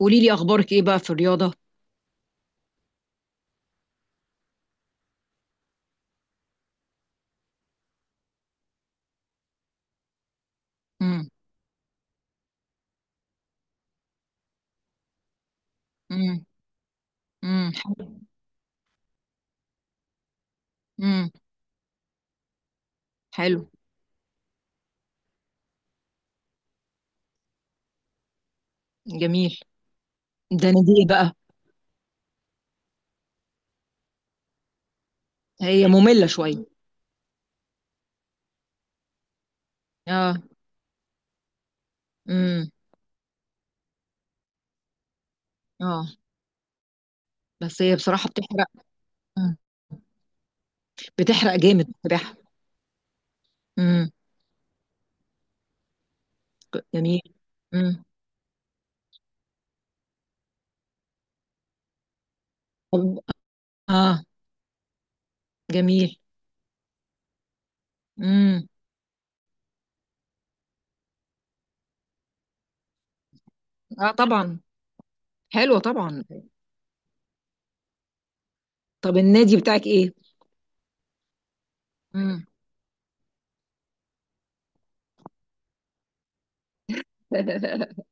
قولي لي اخبارك ايه بقى في الرياضه. امم. امم. امم، حلو. امم، حلو. جميل. ده نديل بقى. هي ممله شويه. اه. امم. اه. بس هي بصراحه بتحرق. مم. بتحرق جامد بصراحه. امم. جميل. امم. طب. اه. جميل. امم. اه طبعا. حلوه طبعا. طب النادي بتاعك ايه؟ امم.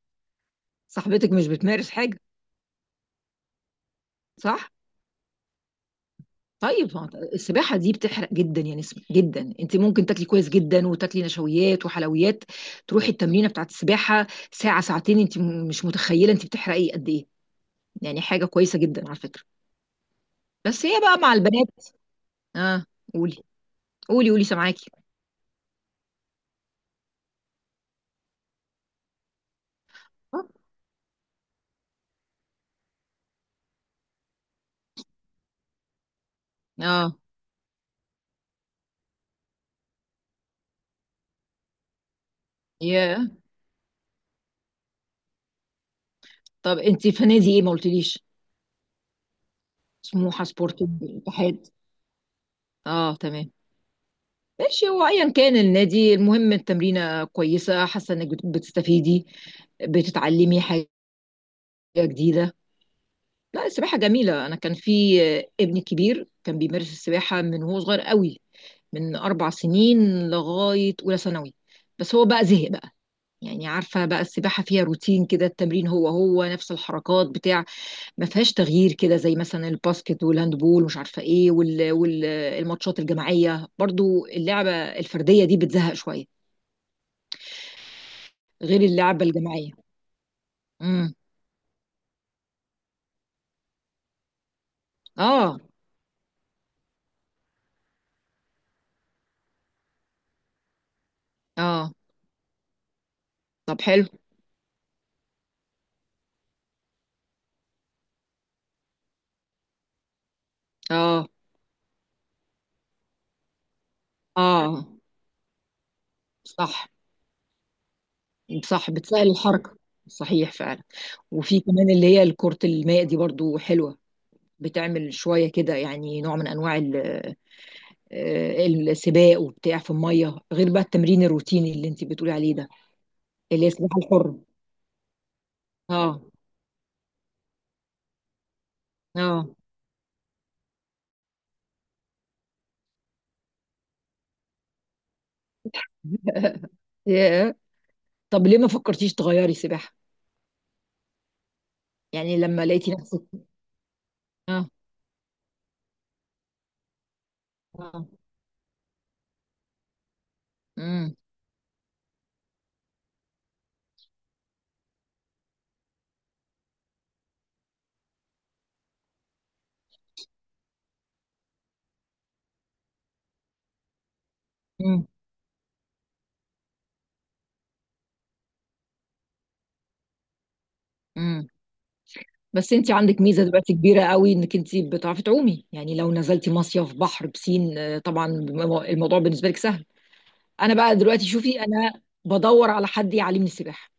صاحبتك مش بتمارس حاجه؟ صح. طيب ما هو السباحة دي بتحرق جدا يا نسمة، جدا. انت ممكن تاكلي كويس جدا، وتاكلي نشويات وحلويات، تروحي التمرينة بتاعت السباحة ساعة ساعتين، انت مش متخيلة انت بتحرقي قد ايه. يعني حاجة كويسة جدا على فكرة. بس هي بقى مع البنات. اه. قولي، قولي، قولي، سامعاكي. اه. يا، طب انت في نادي ايه ما قلتليش؟ سموحة، سبورت، اتحاد؟ اه تمام. ماشي، هو ايا كان النادي المهم التمرينة كويسة، حاسة انك بتستفيدي، بتتعلمي حاجة جديدة. لا السباحة جميلة، أنا كان في ابني كبير كان بيمارس السباحة من وهو صغير قوي، من أربع سنين لغاية أولى ثانوي. بس هو بقى زهق بقى. يعني عارفة بقى، السباحة فيها روتين كده، التمرين هو نفس الحركات بتاع، ما فيهاش تغيير كده، زي مثلا الباسكت والهاندبول ومش عارفة إيه والماتشات الجماعية، برضو اللعبة الفردية دي بتزهق شوية، غير اللعبة الجماعية. امم. اه، اه. طب حلو. اه. اه صح. صح، بتسهل الحركة. صحيح فعلا. وفي كمان اللي هي الكرة الماء دي برضو حلوة، بتعمل شوية كده، يعني نوع من أنواع السباق وبتاع في المية، غير بقى التمرين الروتيني اللي انت بتقولي عليه ده. اللي هي السباحة الحرة. اه. اه. ياه. طب ليه ما فكرتيش تغيري سباحة؟ يعني لما لقيتي نفسك. اه. اه. امم. امم. امم. بس انت عندك ميزه دلوقتي كبيره قوي، انك انت بتعرفي تعومي، يعني لو نزلتي مصيف بحر بسين، طبعا الموضوع بالنسبه لك سهل. انا بقى دلوقتي، شوفي، انا بدور على حد يعلمني سباحه.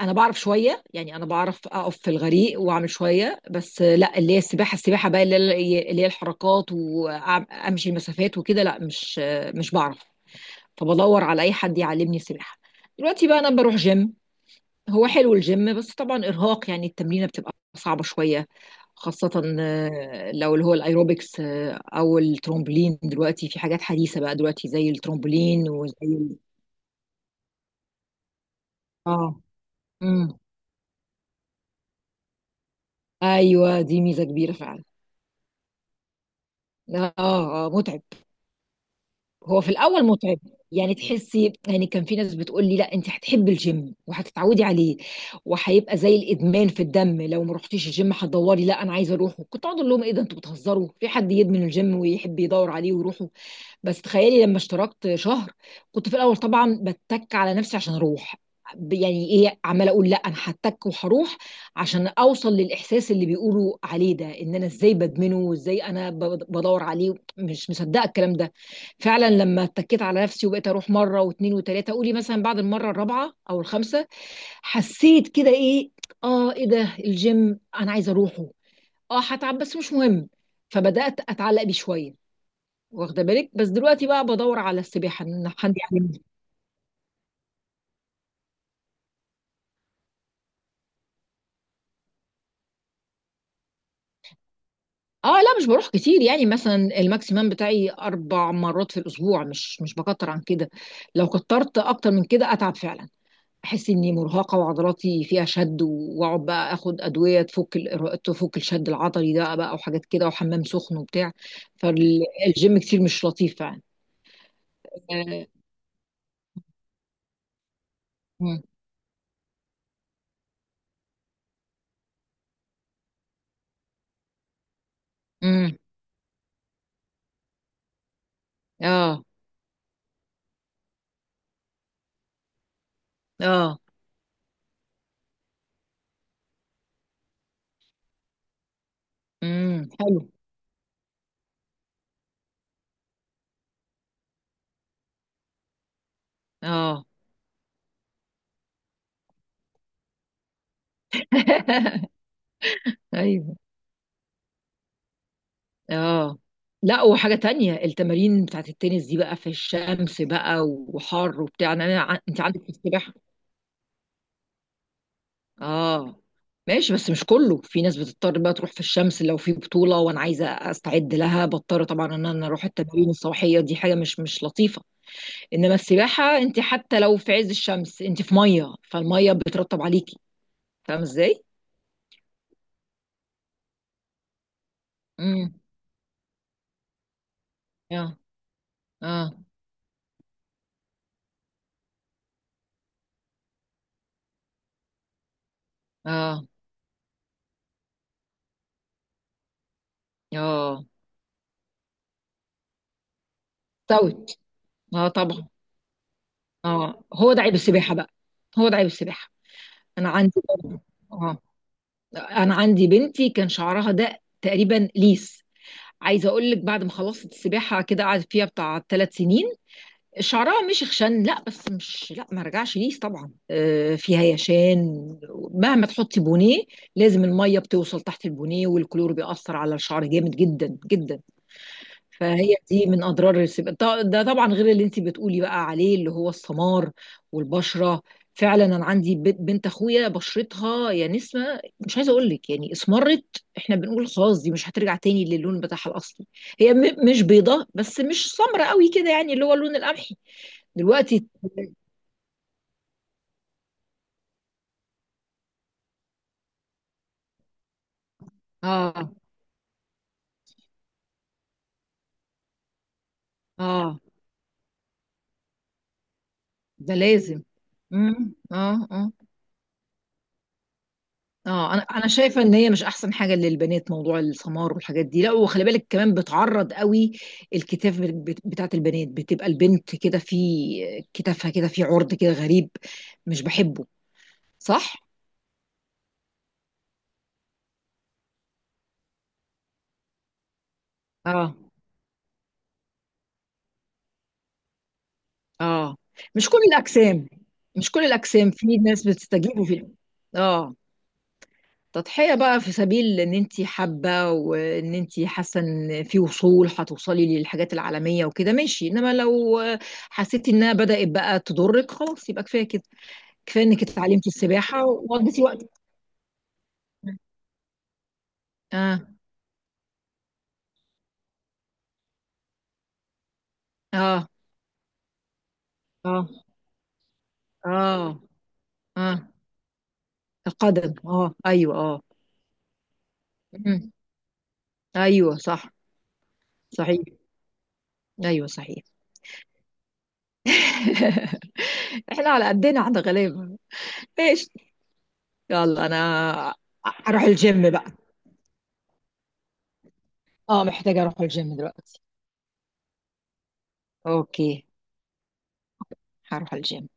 انا بعرف شويه، يعني انا بعرف اقف في الغريق واعمل شويه، بس لا، اللي هي السباحه، السباحه بقى اللي هي الحركات وامشي مسافات وكده، لا، مش بعرف. فبدور على اي حد يعلمني سباحه. دلوقتي بقى انا بروح جيم، هو حلو الجيم، بس طبعا ارهاق، يعني التمرينه بتبقى صعبه شويه، خاصة لو اللي هو الايروبكس او الترومبولين، دلوقتي في حاجات حديثة بقى دلوقتي زي الترومبولين وزي. اه. امم. ايوه دي ميزه كبيره فعلا. اه. متعب. هو في الاول متعب، يعني تحسي، يعني كان في ناس بتقول لي لا انت هتحبي الجيم وهتتعودي عليه وهيبقى زي الادمان في الدم، لو ما رحتيش الجيم هتدوري لا انا عايزه اروح. كنت اقعد اقول لهم ايه ده، انتوا بتهزروا، في حد يدمن الجيم ويحب يدور عليه ويروح؟ بس تخيلي لما اشتركت شهر، كنت في الاول طبعا بتك على نفسي عشان اروح، يعني ايه عماله اقول لا انا هتك وهروح، عشان اوصل للاحساس اللي بيقولوا عليه ده، ان انا ازاي بدمنه وازاي انا بدور عليه، مش مصدقه الكلام ده. فعلا لما اتكيت على نفسي وبقيت اروح مره واثنين وثلاثه، قولي مثلا بعد المره الرابعه او الخامسه، حسيت كده ايه، اه ايه ده الجيم، انا عايزه اروحه، اه هتعب بس مش مهم. فبدات اتعلق بيه شويه، واخده بالك. بس دلوقتي بقى بدور على السباحه ان حد يعلمني. اه لا مش بروح كتير، يعني مثلا الماكسيمم بتاعي اربع مرات في الاسبوع، مش بكتر عن كده. لو كترت اكتر من كده اتعب فعلا، احس اني مرهقه وعضلاتي فيها شد، واقعد بقى اخد ادويه تفك تفك الشد العضلي ده بقى، وحاجات كده وحمام سخن وبتاع. فالجيم كتير مش لطيف فعلا. آه، امم. امم. اه. اه. امم، حلو. اه. ايوه. اه. لا وحاجة تانية، التمارين بتاعت التنس دي بقى في الشمس بقى وحر وبتاع، انت عندك في السباحة. اه. ماشي، بس مش كله، في ناس بتضطر بقى تروح في الشمس، لو في بطولة وانا عايزة استعد لها بضطر طبعا ان انا اروح التمارين الصباحية دي، حاجة مش لطيفة. انما السباحة انت حتى لو في عز الشمس انت في مية، فالمية بترطب عليكي، فاهمة ازاي؟ امم. اه. اه. اه. اه. استوت. اه طبعا. اه هو ده عيب السباحة بقى. هو ده عيب السباحة. انا عندي برضه. اه. انا عندي بنتي كان شعرها ده تقريبا ليس، عايزة اقول لك بعد ما خلصت السباحة كده قعدت فيها بتاع ثلاث سنين، شعرها مش خشن، لا، بس مش، لا ما رجعش ليس طبعا، في هيشان، مهما تحطي بونيه لازم المية بتوصل تحت البونيه، والكلور بيأثر على الشعر جامد جدا جدا. فهي دي من اضرار السباحه، ده طبعا غير اللي انت بتقولي بقى عليه اللي هو السمار والبشره. فعلا انا عندي بنت، بنت اخويا، بشرتها يا نسمه مش عايزه اقول لك، يعني اسمرت احنا بنقول خلاص دي مش هترجع تاني للون بتاعها الاصلي. هي مش بيضه، بس مش سمرة قوي كده، يعني اللي هو اللون القمحي دلوقتي. اه. اه. ده لازم. امم، اه، اه. اه انا شايفه ان هي مش احسن حاجه للبنات موضوع السمار والحاجات دي، لا، وخلي بالك كمان بتعرض قوي الكتاف بتاعت البنات، بتبقى البنت كده في كتافها كده في عرض كده غريب، مش بحبه. صح. اه. اه. مش كل الاجسام مش كل الاجسام، في ناس بتستجيب وفي. اه. تضحية بقى، في سبيل ان انتي حابة وان انتي حاسة ان في وصول هتوصلي للحاجات العالمية وكده، ماشي، انما لو حسيتي انها بدأت بقى تضرك خلاص يبقى كفاية كده. كفاية انك اتعلمتي السباحة وقضيتي وقتك. اه. اه. اه. اه. اه. القدم، اه ايوه اه. مم. ايوه صح. صحيح، ايوه صحيح. احنا على قدنا احنا غلابة. ايش؟ يلا انا اروح الجيم بقى. اه محتاجة اروح الجيم دلوقتي. اوكي. هروح الجيم.